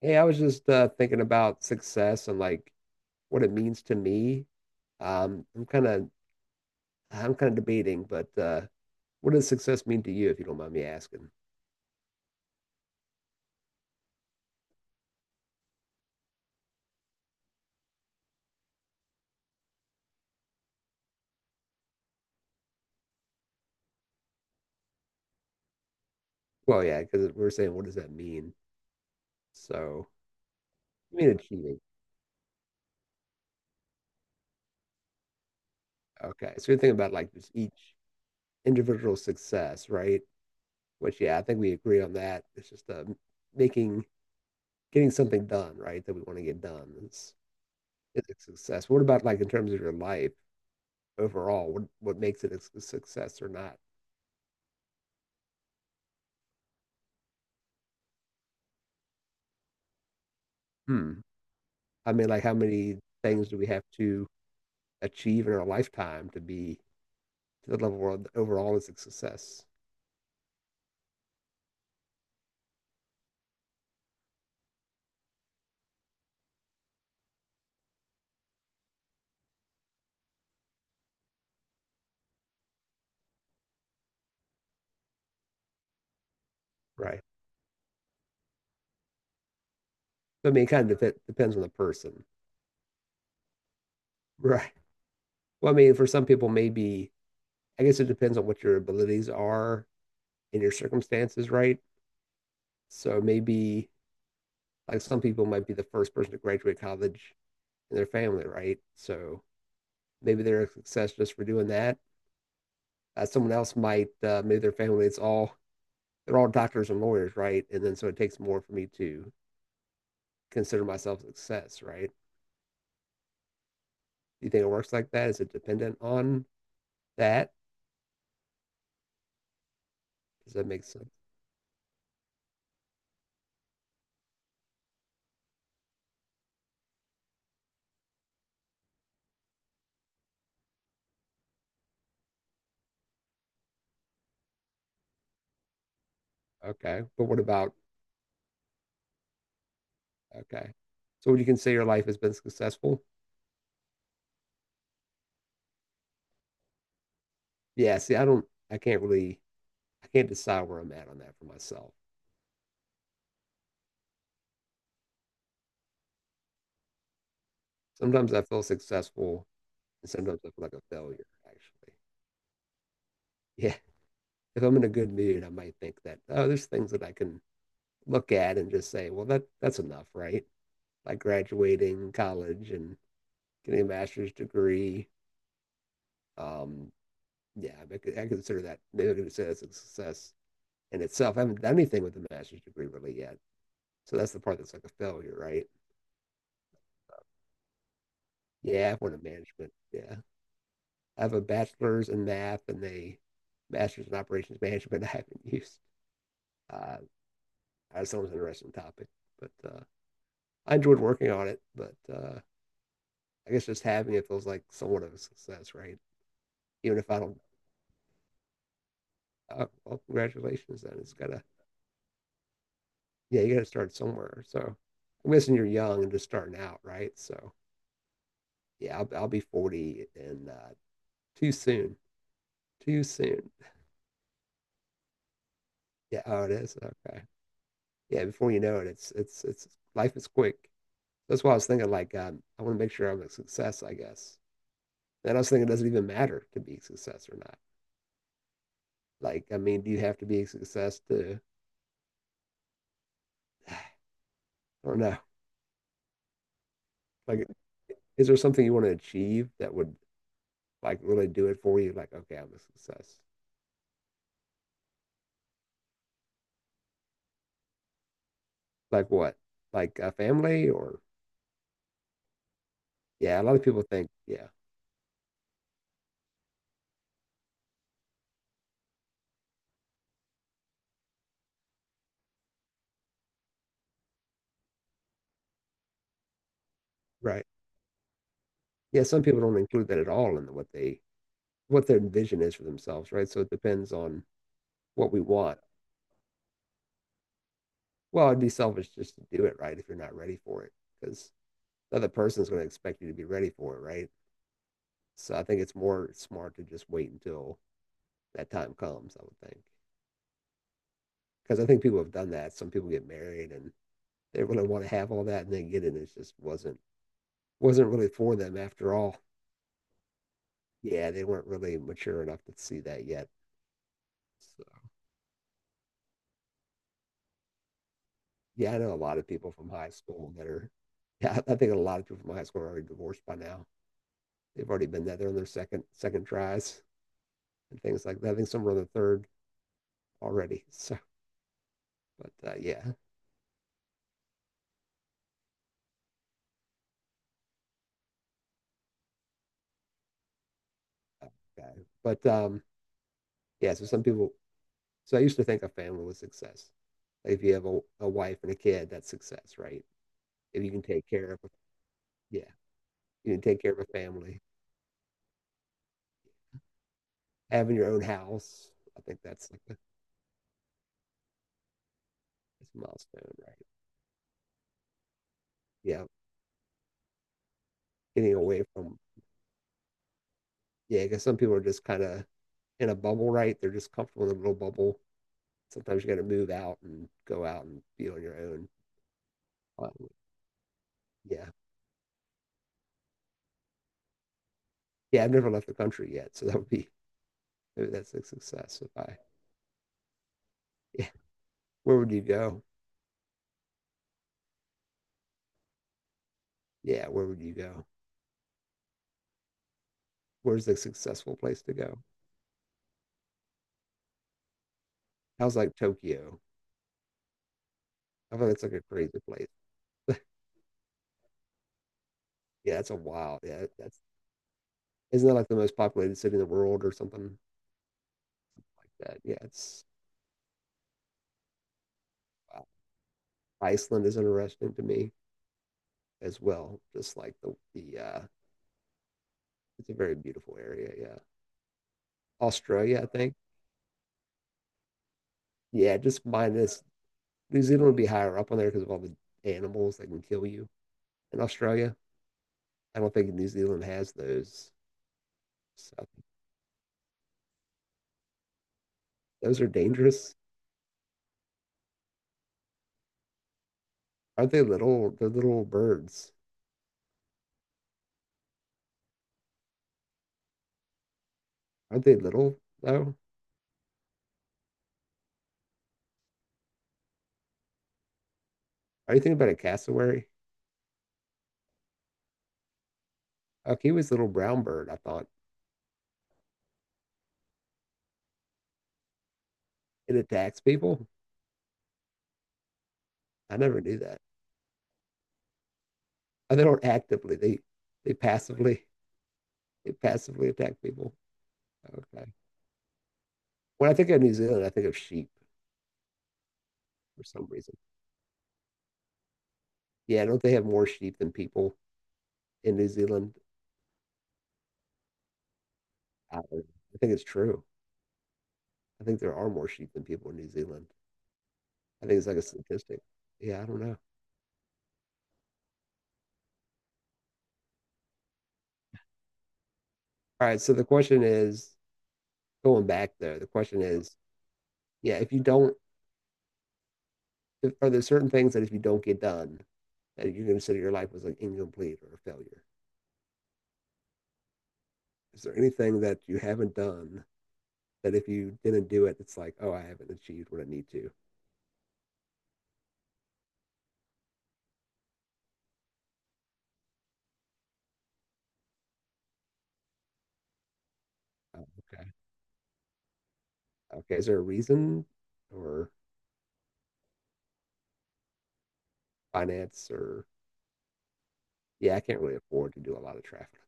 Hey, I was just thinking about success and like what it means to me. Um, I'm kind of I'm kind of debating, but what does success mean to you, if you don't mind me asking? Well, yeah, because we're saying what does that mean? So you mean achieving? Okay, so you're thinking about like just each individual success, right? Which yeah, I think we agree on that. It's just making getting something done, right? That we want to get done is a success. What about like in terms of your life overall? What makes it a success or not? Hmm. I mean, like how many things do we have to achieve in our lifetime to the level where overall is a success, right? So, I mean, it kind of depends on the person, right? Well, I mean, for some people, maybe I guess it depends on what your abilities are and your circumstances, right? So maybe like some people might be the first person to graduate college in their family, right? So maybe they're a success just for doing that. Someone else might, maybe their family, it's all they're all doctors and lawyers, right? And then so it takes more for me to consider myself success, right? Do you think it works like that? Is it dependent on that? Does that make sense? Okay. But what about okay? So would you consider your life has been successful? Yeah, see, I can't really I can't decide where I'm at on that for myself. Sometimes I feel successful and sometimes I feel like a failure, actually. Yeah. If I'm in a good mood, I might think that, oh, there's things that I can look at and just say, well, that's enough, right? Like graduating college and getting a master's degree. Um, yeah, I consider that's a success in itself. I haven't done anything with a master's degree really yet, so that's the part that's like a failure, right? Yeah, I went to management. Yeah, I have a bachelor's in math and a master's in operations management. I haven't used. Uh, I just thought it was an interesting topic, but I enjoyed working on it. But I guess just having it feels like somewhat of a success, right? Even if I don't. Well, congratulations! Then it's got to Yeah, you got to start somewhere. So I'm guessing you're young and just starting out, right? So yeah, I'll be 40 and too soon, too soon. Yeah, oh, it is. Okay. Yeah, before you know it, it's life is quick. That's why I was thinking like I want to make sure I'm a success, I guess. And I was thinking it doesn't even matter to be a success or not. Like, I mean, do you have to be a success to, I don't know. Like, is there something you want to achieve that would like really do it for you? Like, okay, I'm a success. Like what? Like a family or yeah, a lot of people think, yeah, right. Yeah, some people don't include that at all in what they what their vision is for themselves, right? So it depends on what we want. Well, it'd be selfish just to do it, right, if you're not ready for it, because the other person's going to expect you to be ready for it, right? So I think it's more smart to just wait until that time comes, I would think. Because I think people have done that. Some people get married and they really want to have all that and they get it and it just wasn't really for them after all. Yeah, they weren't really mature enough to see that yet. So, yeah, I know a lot of people from high school that are, yeah, I think a lot of people from high school are already divorced by now. They've already been there. They're on their second tries and things like that. I think some are on the third already. So, but yeah, okay. But yeah. So some people. So I used to think a family was success. Like if you have a wife and a kid, that's success, right? If you can take care of, yeah, you can take care of a family, having your own house. I think that's like that's a milestone, right? Yeah, getting away from yeah, because some people are just kind of in a bubble, right? They're just comfortable in a little bubble. Sometimes you got to move out and go out and be on your own. Um, yeah, yeah. I've never left the country yet, so that would be maybe that's a success. If I yeah, where would you go? Yeah, where would you go? Where's the successful place to go? How's like Tokyo? I feel that's like a crazy place. Yeah, that's a wild. Yeah, that's isn't that like the most populated city in the world or something like that? Yeah, it's wow. Iceland is interesting to me, as well. Just like the it's a very beautiful area. Yeah, Australia, I think. Yeah, just minus New Zealand would be higher up on there because of all the animals that can kill you in Australia. I don't think New Zealand has those. So those are dangerous. Aren't they little? They're little birds. Aren't they little though? Are you thinking about a cassowary? Like he was a little brown bird. I thought it attacks people. I never knew that. Oh, they don't actively. They passively they passively attack people. Okay. When I think of New Zealand, I think of sheep for some reason. Yeah, don't they have more sheep than people in New Zealand? Don't know. I think it's true. I think there are more sheep than people in New Zealand. I think it's like a statistic. Yeah, I don't know. All right, so the question is going back there, the question is, yeah, if you don't, if, are there certain things that if you don't get done, that you consider your life was like incomplete or a failure? Is there anything that you haven't done that if you didn't do it, it's like, oh, I haven't achieved what I need to? Oh, okay. Okay. Is there a reason or finance or yeah, I can't really afford to do a lot of traffic.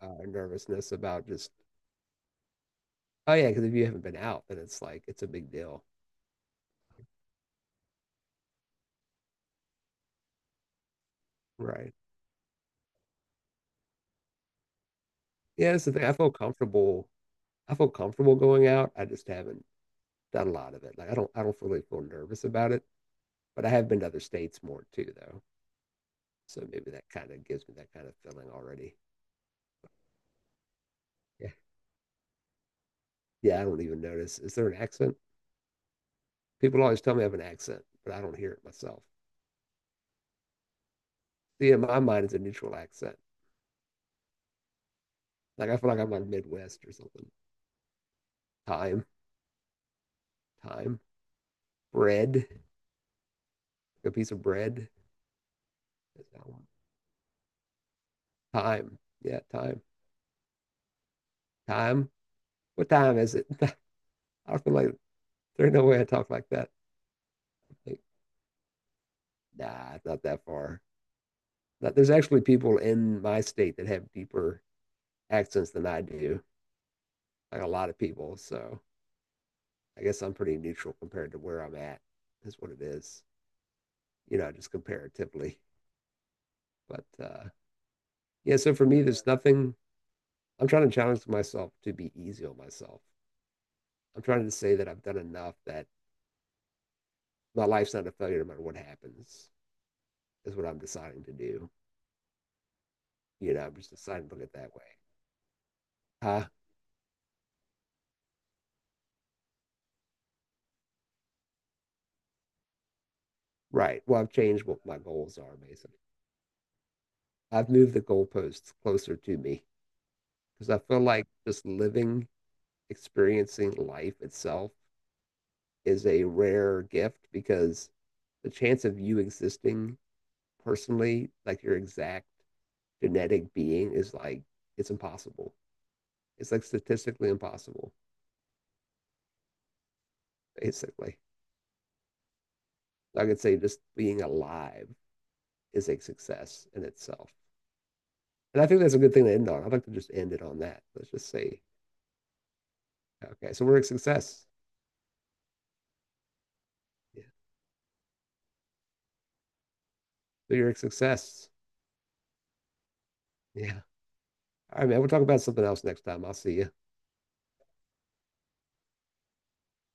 Nervousness about just oh yeah, because if you haven't been out, then it's like it's a big deal, right? Yeah, that's the thing. I feel comfortable. I feel comfortable going out. I just haven't done a lot of it. Like I don't really feel nervous about it. But I have been to other states more too, though. So maybe that kind of gives me that kind of feeling already. Yeah, yeah. I don't even notice. Is there an accent? People always tell me I have an accent, but I don't hear it myself. See, in my mind, it's a neutral accent. Like I feel like I'm on Midwest or something. Time, time, bread, a piece of bread. Is that one? Time, yeah, time, time. What time is it? I feel like there's no way I talk like that. Like, nah, it's not that far. But there's actually people in my state that have deeper accents than I do, like a lot of people. So I guess I'm pretty neutral compared to where I'm at. That's what it is, you know, just comparatively. But yeah, so for me, there's nothing, I'm trying to challenge myself to be easy on myself. I'm trying to say that I've done enough that my life's not a failure no matter what happens, is what I'm deciding to do. You know, I'm just deciding to look at it that way. Huh? Right. Well, I've changed what my goals are, basically. I've moved the goalposts closer to me because I feel like just living, experiencing life itself is a rare gift because the chance of you existing personally, like your exact genetic being, is like it's impossible. It's like statistically impossible, basically. I could say just being alive is a success in itself. And I think that's a good thing to end on. I'd like to just end it on that. Let's just say, okay, so we're a success. Yeah. So you're a success. Yeah. All right, man. We'll talk about something else next time. I'll see you.